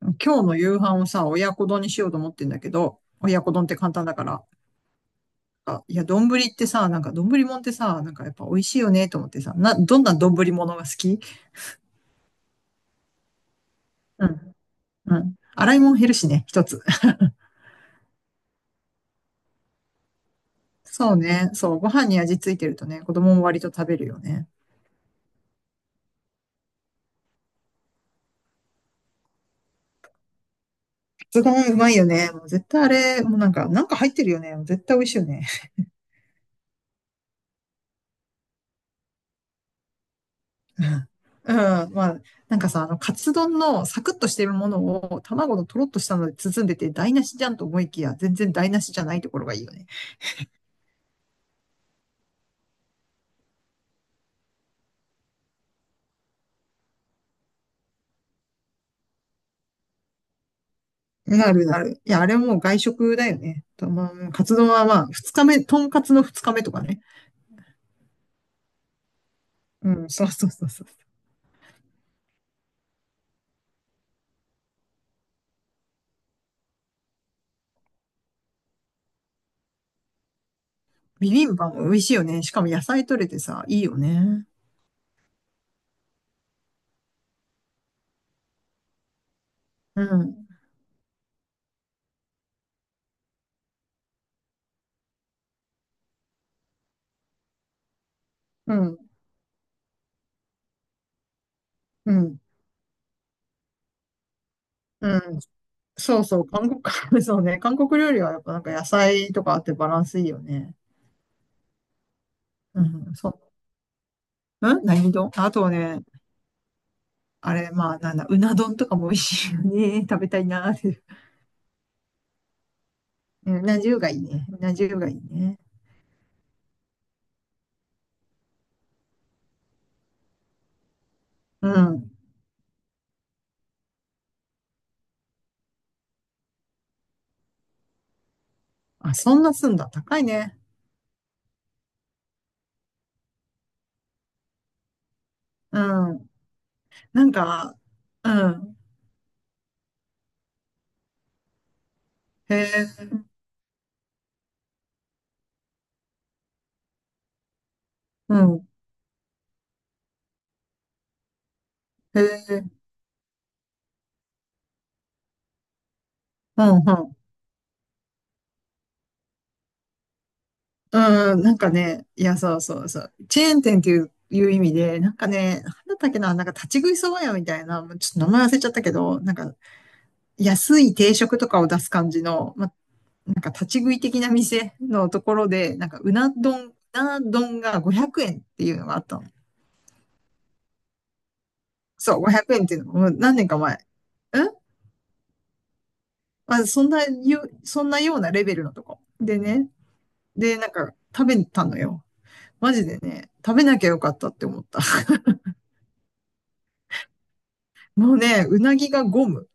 今日の夕飯をさ、親子丼にしようと思ってんだけど、親子丼って簡単だから。あいや、丼ってさ、なんか丼もんってさ、なんかやっぱ美味しいよねと思ってさ、どんな丼ものが好き？うん、うん。洗い物減るしね、一つ。そうね、そう、ご飯に味ついてるとね、子供も割と食べるよね。カツ丼うまいよね。もう絶対あれ、もうなんか入ってるよね。もう絶対美味しいよね。うんうん、まあ、なんかさ、カツ丼のサクッとしてるものを卵のとろっとしたので包んでて台無しじゃんと思いきや、全然台無しじゃないところがいいよね。なるなる。いや、あれもう外食だよね。とまあ、カツ丼はまあ、二日目、とんかつの二日目とかね。うん、そうそうそうそう。ビビンバも美味しいよね。しかも野菜取れてさ、いいよね。うん、うん、うん。うん、そうそう、韓国、そうね、韓国料理はやっぱなんか野菜とかあってバランスいいよね。うん、そうね。ん、何丼あとね、あれ、まあ、なんだ、うな丼とかも美味しいよね。食べたいなーって。うん。うな重がいいね。うな重がいいね。うん。あ、そんなすんだ。高いね。うん。なんか、うん。へえ、うん。へえ、うん、うん。うん、なんかね、いや、そうそうそう。チェーン店っていう意味で、なんかね、なんだったっけな、なんか立ち食いそば屋みたいな、もうちょっと名前忘れちゃったけど、なんか安い定食とかを出す感じの、まあなんか立ち食い的な店のところで、なんかうな丼が500円っていうのがあったの。そう、500円っていうのもう何年か前。まあ、そんなようなレベルのとこ。でね、で、なんか食べたのよ。マジでね、食べなきゃよかったって思った。もうね、うなぎがゴム。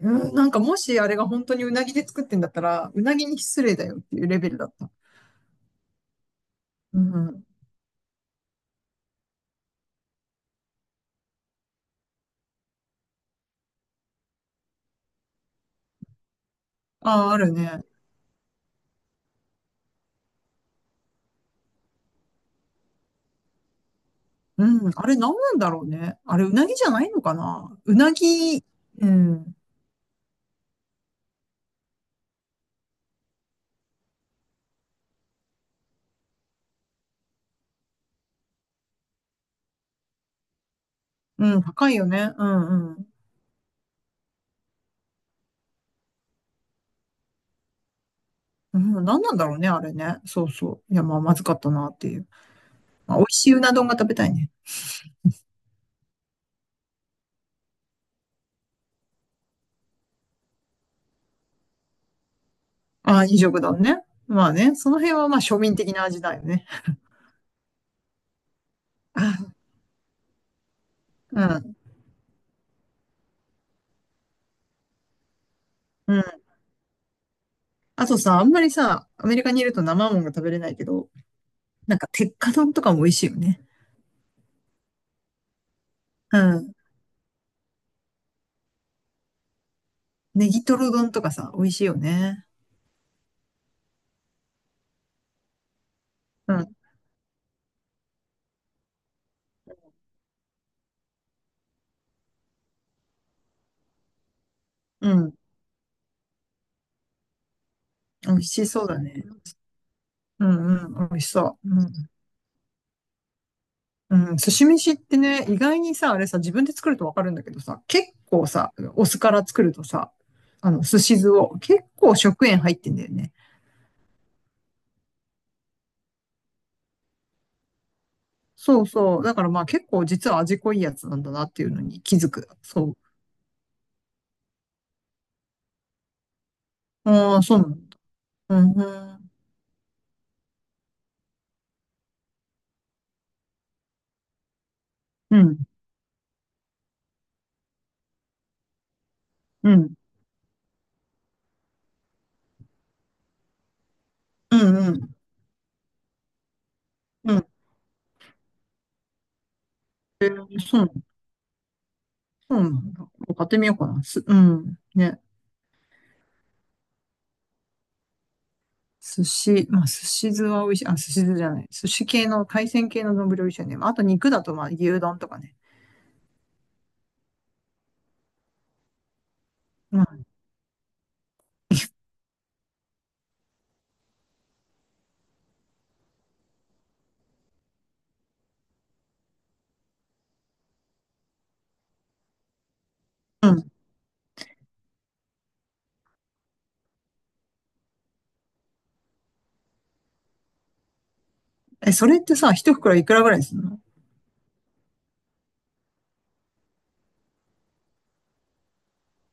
うん、なんかもしあれが本当にうなぎで作ってんだったら、うなぎに失礼だよっていうレベルだった。うん。ああ、あるね。うん、あれ何なんだろうね。あれ、うなぎじゃないのかな、うなぎ。うん、うん、高いよね。うん、うん。うん、何なんだろうね、あれね。そうそう。いや、まあ、まずかったなっていう。まあ、美味しいうな丼が食べたいね。ああ、二色丼ね。まあね、その辺はまあ庶民的な味だよね。あ、うん、うん。あとさ、あんまりさ、アメリカにいると生もんが食べれないけど、なんか鉄火丼とかも美味しいよね。うん。ネギトロ丼とかさ、美味しいよね。うん、うん。美味しそうだね。うんうん、美味しそう。うん、うん、寿司飯ってね、意外にさ、あれさ、自分で作るとわかるんだけどさ、結構さ、お酢から作るとさ、寿司酢を結構食塩入ってんだよね。そうそう。だからまあ結構実は味濃いやつなんだなっていうのに気づく。そう。ああ、そうなんだ。うん、うん、うん、うん、うん。うんそう、そうなんだ。買ってみようかな。うん。ね。まあ、寿司酢は美味しい。あ、寿司酢じゃない。寿司系の、海鮮系の丼美味しいよね。あと肉だと、まあ、牛丼とかね。まあ、うん。え、それってさ、一袋いくらぐらいするの？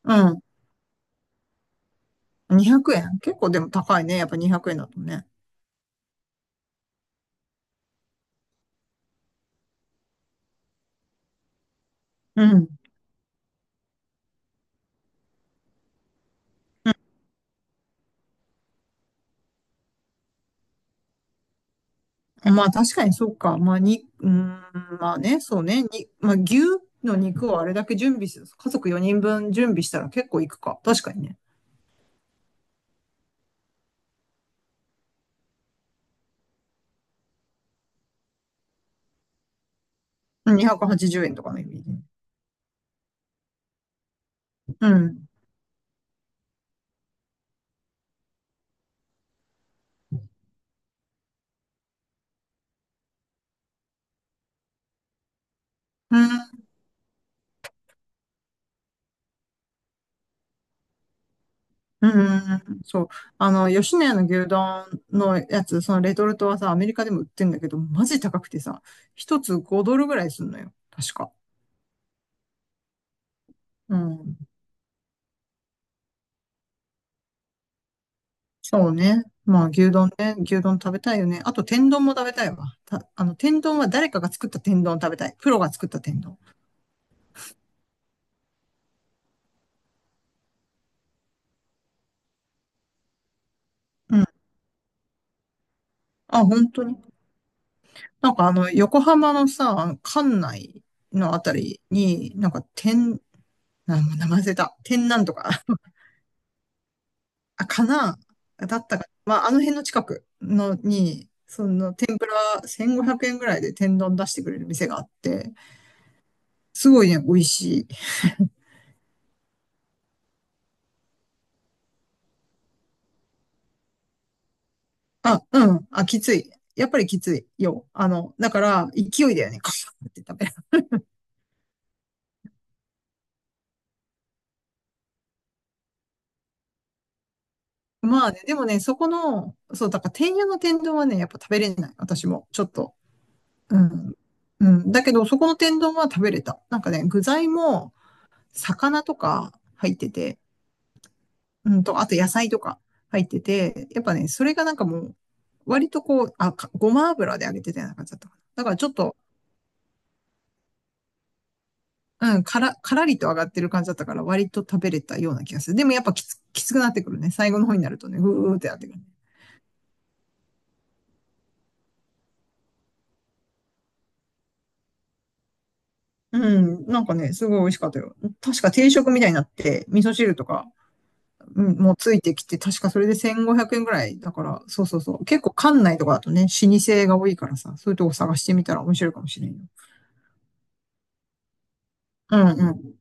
うん。200円結構でも高いね。やっぱ200円だとね。うん。うん。まあ、確かにそうか。まあ、うーん、まあね、そうね。まあ、牛の肉をあれだけ準備する。家族4人分準備したら結構いくか。確かにね。うん、280円とかのイメージね。うん。ううん、そう。あの、吉野家の牛丼のやつ、そのレトルトはさ、アメリカでも売ってんだけど、マジ高くてさ、一つ5ドルぐらいすんのよ。確か。うん。そうね。まあ、牛丼ね。牛丼食べたいよね。あと、天丼も食べたいわ。天丼は誰かが作った天丼食べたい。プロが作った天丼。うん。あ、本当に。なんかあの、横浜のさ、あの関内のあたりに、なんか天、あ、もう名前忘れた。天なんとか。あ、かなだったかな。まあ、あの辺の近くのに、1500円ぐらいで天丼出してくれる店があって、すごいね、美味しい。あ、うん。あ、きつい。やっぱりきついよ。だから、勢いだよね。カシャって食べる。まあね、でもね、そこの、そう、だから、天屋の天丼はね、やっぱ食べれない。私も、ちょっと。うん。うん。だけど、そこの天丼は食べれた。なんかね、具材も、魚とか入ってて、あと野菜とか入ってて、やっぱね、それがなんかもう、割とこう、あ、かごま油で揚げてたような感じだったかな。だからちょっと、うん、からりと上がってる感じだったから、割と食べれたような気がする。でもやっぱきつくなってくるね。最後の方になるとね、ぐーってなってくるね。うん、なんかね、すごい美味しかったよ。確か定食みたいになって、味噌汁とか、うん、もうついてきて、確かそれで1500円ぐらいだから、そうそうそう。結構館内とかだとね、老舗が多いからさ、そういうとこ探してみたら面白いかもしれんよ。うんうん。